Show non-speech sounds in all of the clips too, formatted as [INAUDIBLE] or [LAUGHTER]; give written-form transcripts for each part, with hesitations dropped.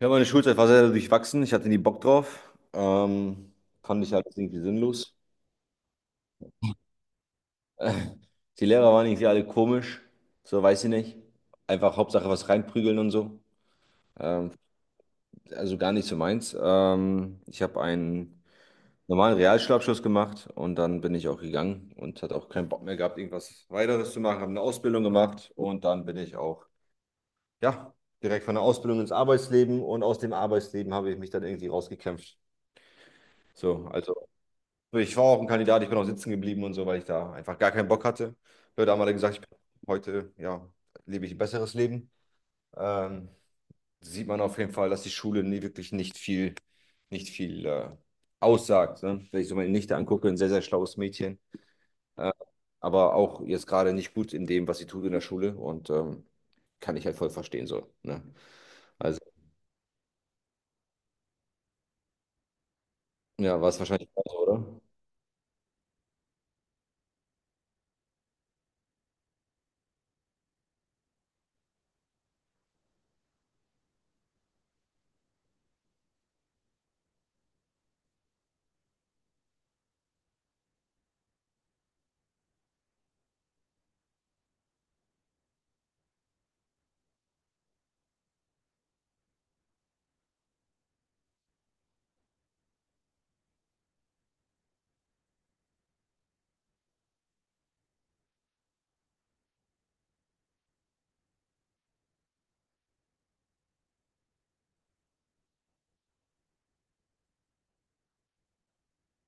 Ja, meine Schulzeit war sehr durchwachsen. Ich hatte nie Bock drauf. Fand ich alles irgendwie sinnlos. [LAUGHS] Die Lehrer waren irgendwie alle komisch. So, weiß ich nicht. Einfach Hauptsache was reinprügeln und so. Ähm, also gar nicht so meins. Ich habe einen normalen Realschulabschluss gemacht und dann bin ich auch gegangen und hatte auch keinen Bock mehr gehabt, irgendwas weiteres zu machen. Habe eine Ausbildung gemacht und dann bin ich auch, ja, direkt von der Ausbildung ins Arbeitsleben und aus dem Arbeitsleben habe ich mich dann irgendwie rausgekämpft. So, als ich war auch ein Kandidat, ich bin auch sitzen geblieben und so, weil ich da einfach gar keinen Bock hatte. Leute haben alle gesagt, ich bin heute, ja, lebe ich ein besseres Leben. Ähm, sieht man auf jeden Fall, dass die Schule nie wirklich nicht viel, nicht viel aussagt. Ne? Wenn ich so meine Nichte angucke, ein sehr, sehr schlaues Mädchen, äh, aber auch jetzt gerade nicht gut in dem, was sie tut in der Schule und kann ich halt voll verstehen so. Ne? Also, ja, war es wahrscheinlich auch so, oder?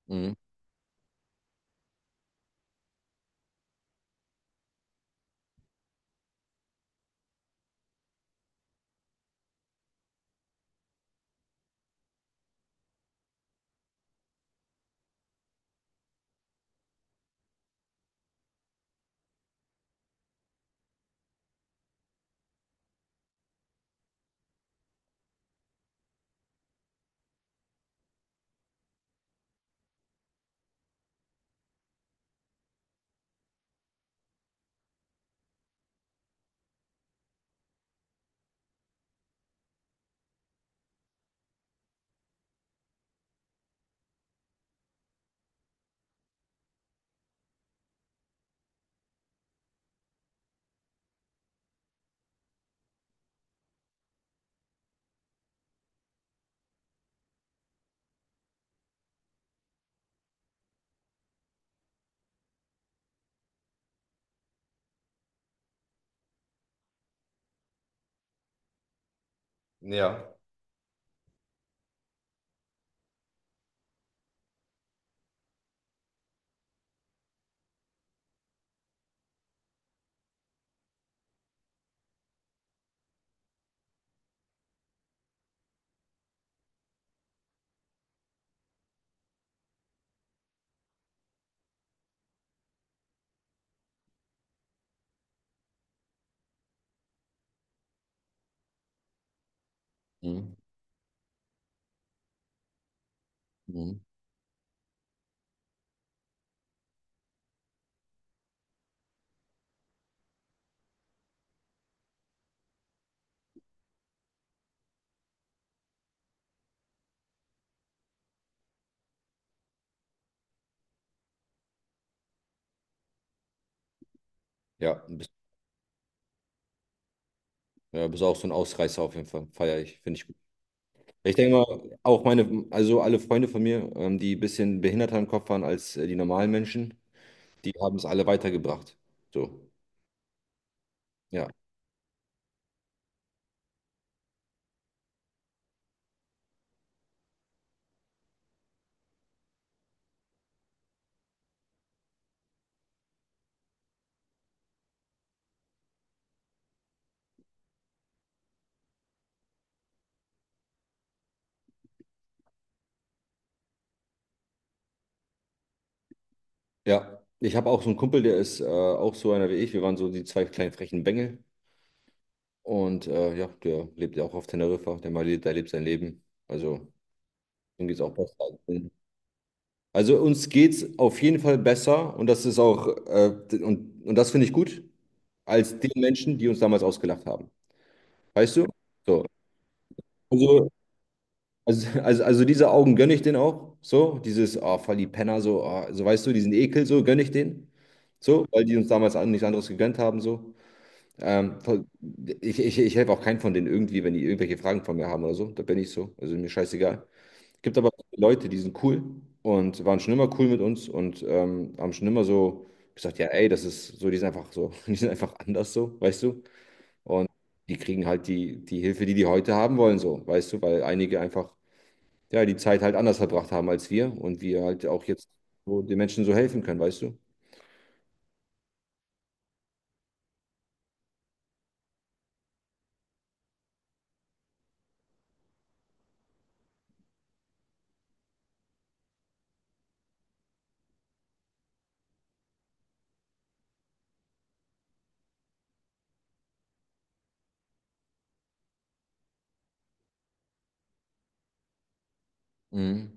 Mhm. Ja. Mhm. Mhm. Ja, ein bisschen. Ja, bist auch so ein Ausreißer auf jeden Fall, feiere ich, finde ich gut. Ich denke mal, auch meine, also alle Freunde von mir, die ein bisschen behinderter im Kopf waren als die normalen Menschen, die haben es alle weitergebracht. So, ja. Ja, ich habe auch so einen Kumpel, der ist auch so einer wie ich. Wir waren so die zwei kleinen frechen Bengel. Und ja, der lebt ja auch auf Teneriffa. Der mal lebt, der lebt sein Leben. Also, ihm geht es auch besser als mir. Also, uns geht es auf jeden Fall besser. Und das ist auch, und das finde ich gut, als den Menschen, die uns damals ausgelacht haben. Weißt du? So. Also, also, diese Augen gönne ich denen auch. So, dieses, ah, voll die Penner, so, ah, so weißt du, diesen Ekel, so gönne ich denen. So, weil die uns damals nichts anderes gegönnt haben, so. Voll, ich helfe auch keinen von denen irgendwie, wenn die irgendwelche Fragen von mir haben oder so. Da bin ich so. Also mir scheißegal. Gibt aber Leute, die sind cool und waren schon immer cool mit uns und haben schon immer so gesagt, ja, ey, das ist so, die sind einfach so, [LAUGHS] die sind einfach anders so, weißt du? Und die kriegen halt die Hilfe, die die heute haben wollen, so, weißt du, weil einige einfach, ja, die Zeit halt anders verbracht haben als wir und wir halt auch jetzt so den Menschen so helfen können, weißt du? Mhm.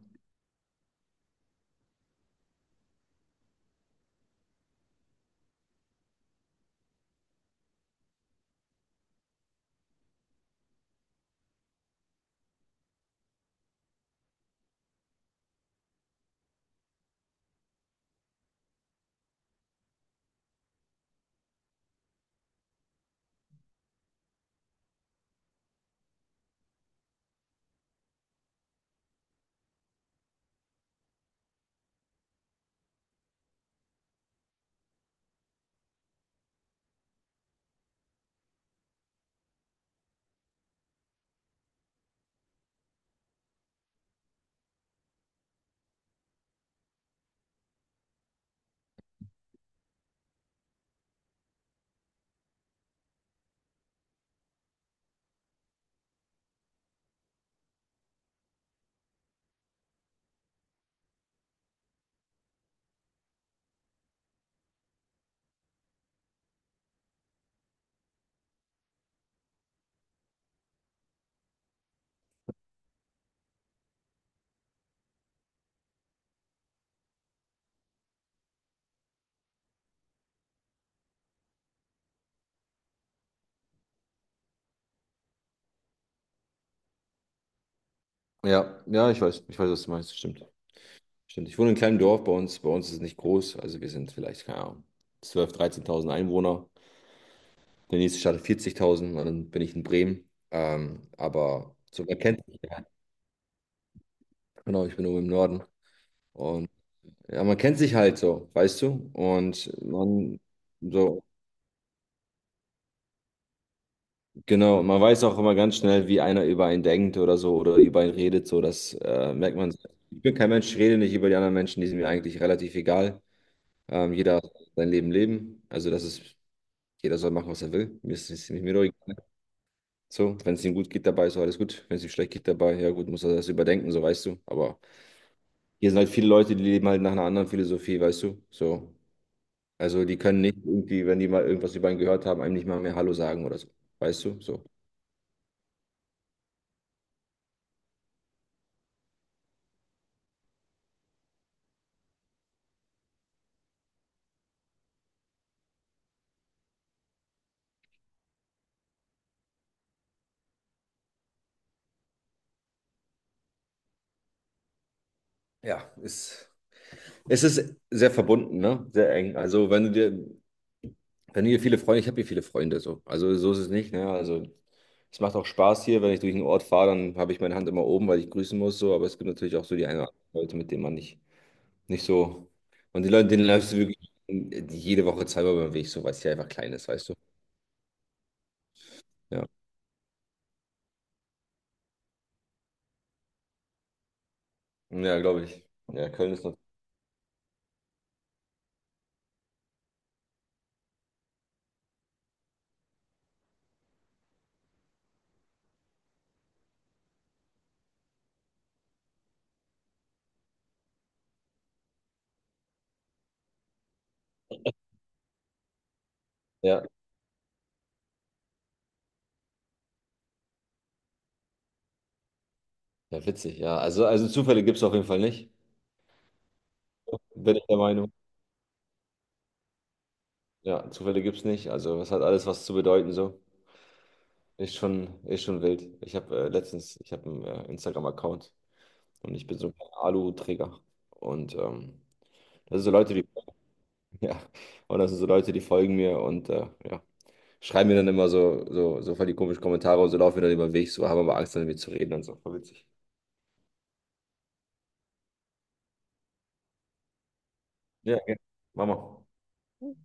Ja, ja, ich weiß, was du meinst, stimmt. Stimmt. Ich wohne in einem kleinen Dorf bei uns. Bei uns ist es nicht groß. Also wir sind vielleicht, keine Ahnung, 12.000, 13.000 Einwohner. Der nächste Stadt hat 40.000 und dann bin ich in Bremen. Aber so, man kennt sich ja. Genau, ich bin oben im Norden. Und ja, man kennt sich halt so, weißt du? So, Genau, und man weiß auch immer ganz schnell, wie einer über einen denkt oder so oder über einen redet, so das merkt man. Ich bin kein Mensch, ich rede nicht über die anderen Menschen, die sind mir eigentlich relativ egal. Jeder soll sein Leben leben, also das ist, jeder soll machen, was er will. Mir ist es nicht mir doch egal. So, wenn es ihm gut geht dabei, ist alles gut. Wenn es ihm schlecht geht dabei, ja gut, muss er das überdenken, so weißt du. Aber hier sind halt viele Leute, die leben halt nach einer anderen Philosophie, weißt du. So, also die können nicht irgendwie, wenn die mal irgendwas über ihn gehört haben, einem nicht mal mehr Hallo sagen oder so, weißt du, so. Ja, ist Es ist sehr verbunden, ne? Sehr eng. Wenn du hier viele Freunde, ich habe hier viele Freunde so. Also so ist es nicht, ne? Also es macht auch Spaß hier, wenn ich durch einen Ort fahre, dann habe ich meine Hand immer oben, weil ich grüßen muss so. Aber es gibt natürlich auch so die eine oder andere Leute, mit denen man nicht, nicht so. Und die Leute, denen läufst du wirklich jede Woche zweimal beim Weg, so weil es hier einfach klein ist, weißt du? Ja. Ja, glaube ich. Ja, Köln ist noch. Ja, ja, witzig, ja. Also Zufälle gibt es auf jeden Fall nicht. Bin ich der Meinung. Ja, Zufälle gibt es nicht. Also es hat alles was zu bedeuten so. Ist schon wild. Ich habe letztens, ich habe einen Instagram-Account und ich bin so ein Alu-Träger. Und das sind so Leute, die, [LAUGHS] ja, und das sind so Leute, die folgen mir und ja, schreiben mir dann immer so voll die komischen Kommentare und so laufen mir dann über den Weg, so haben aber Angst, dann mit zu reden und so. Voll witzig. Ja, gerne. Mach mal.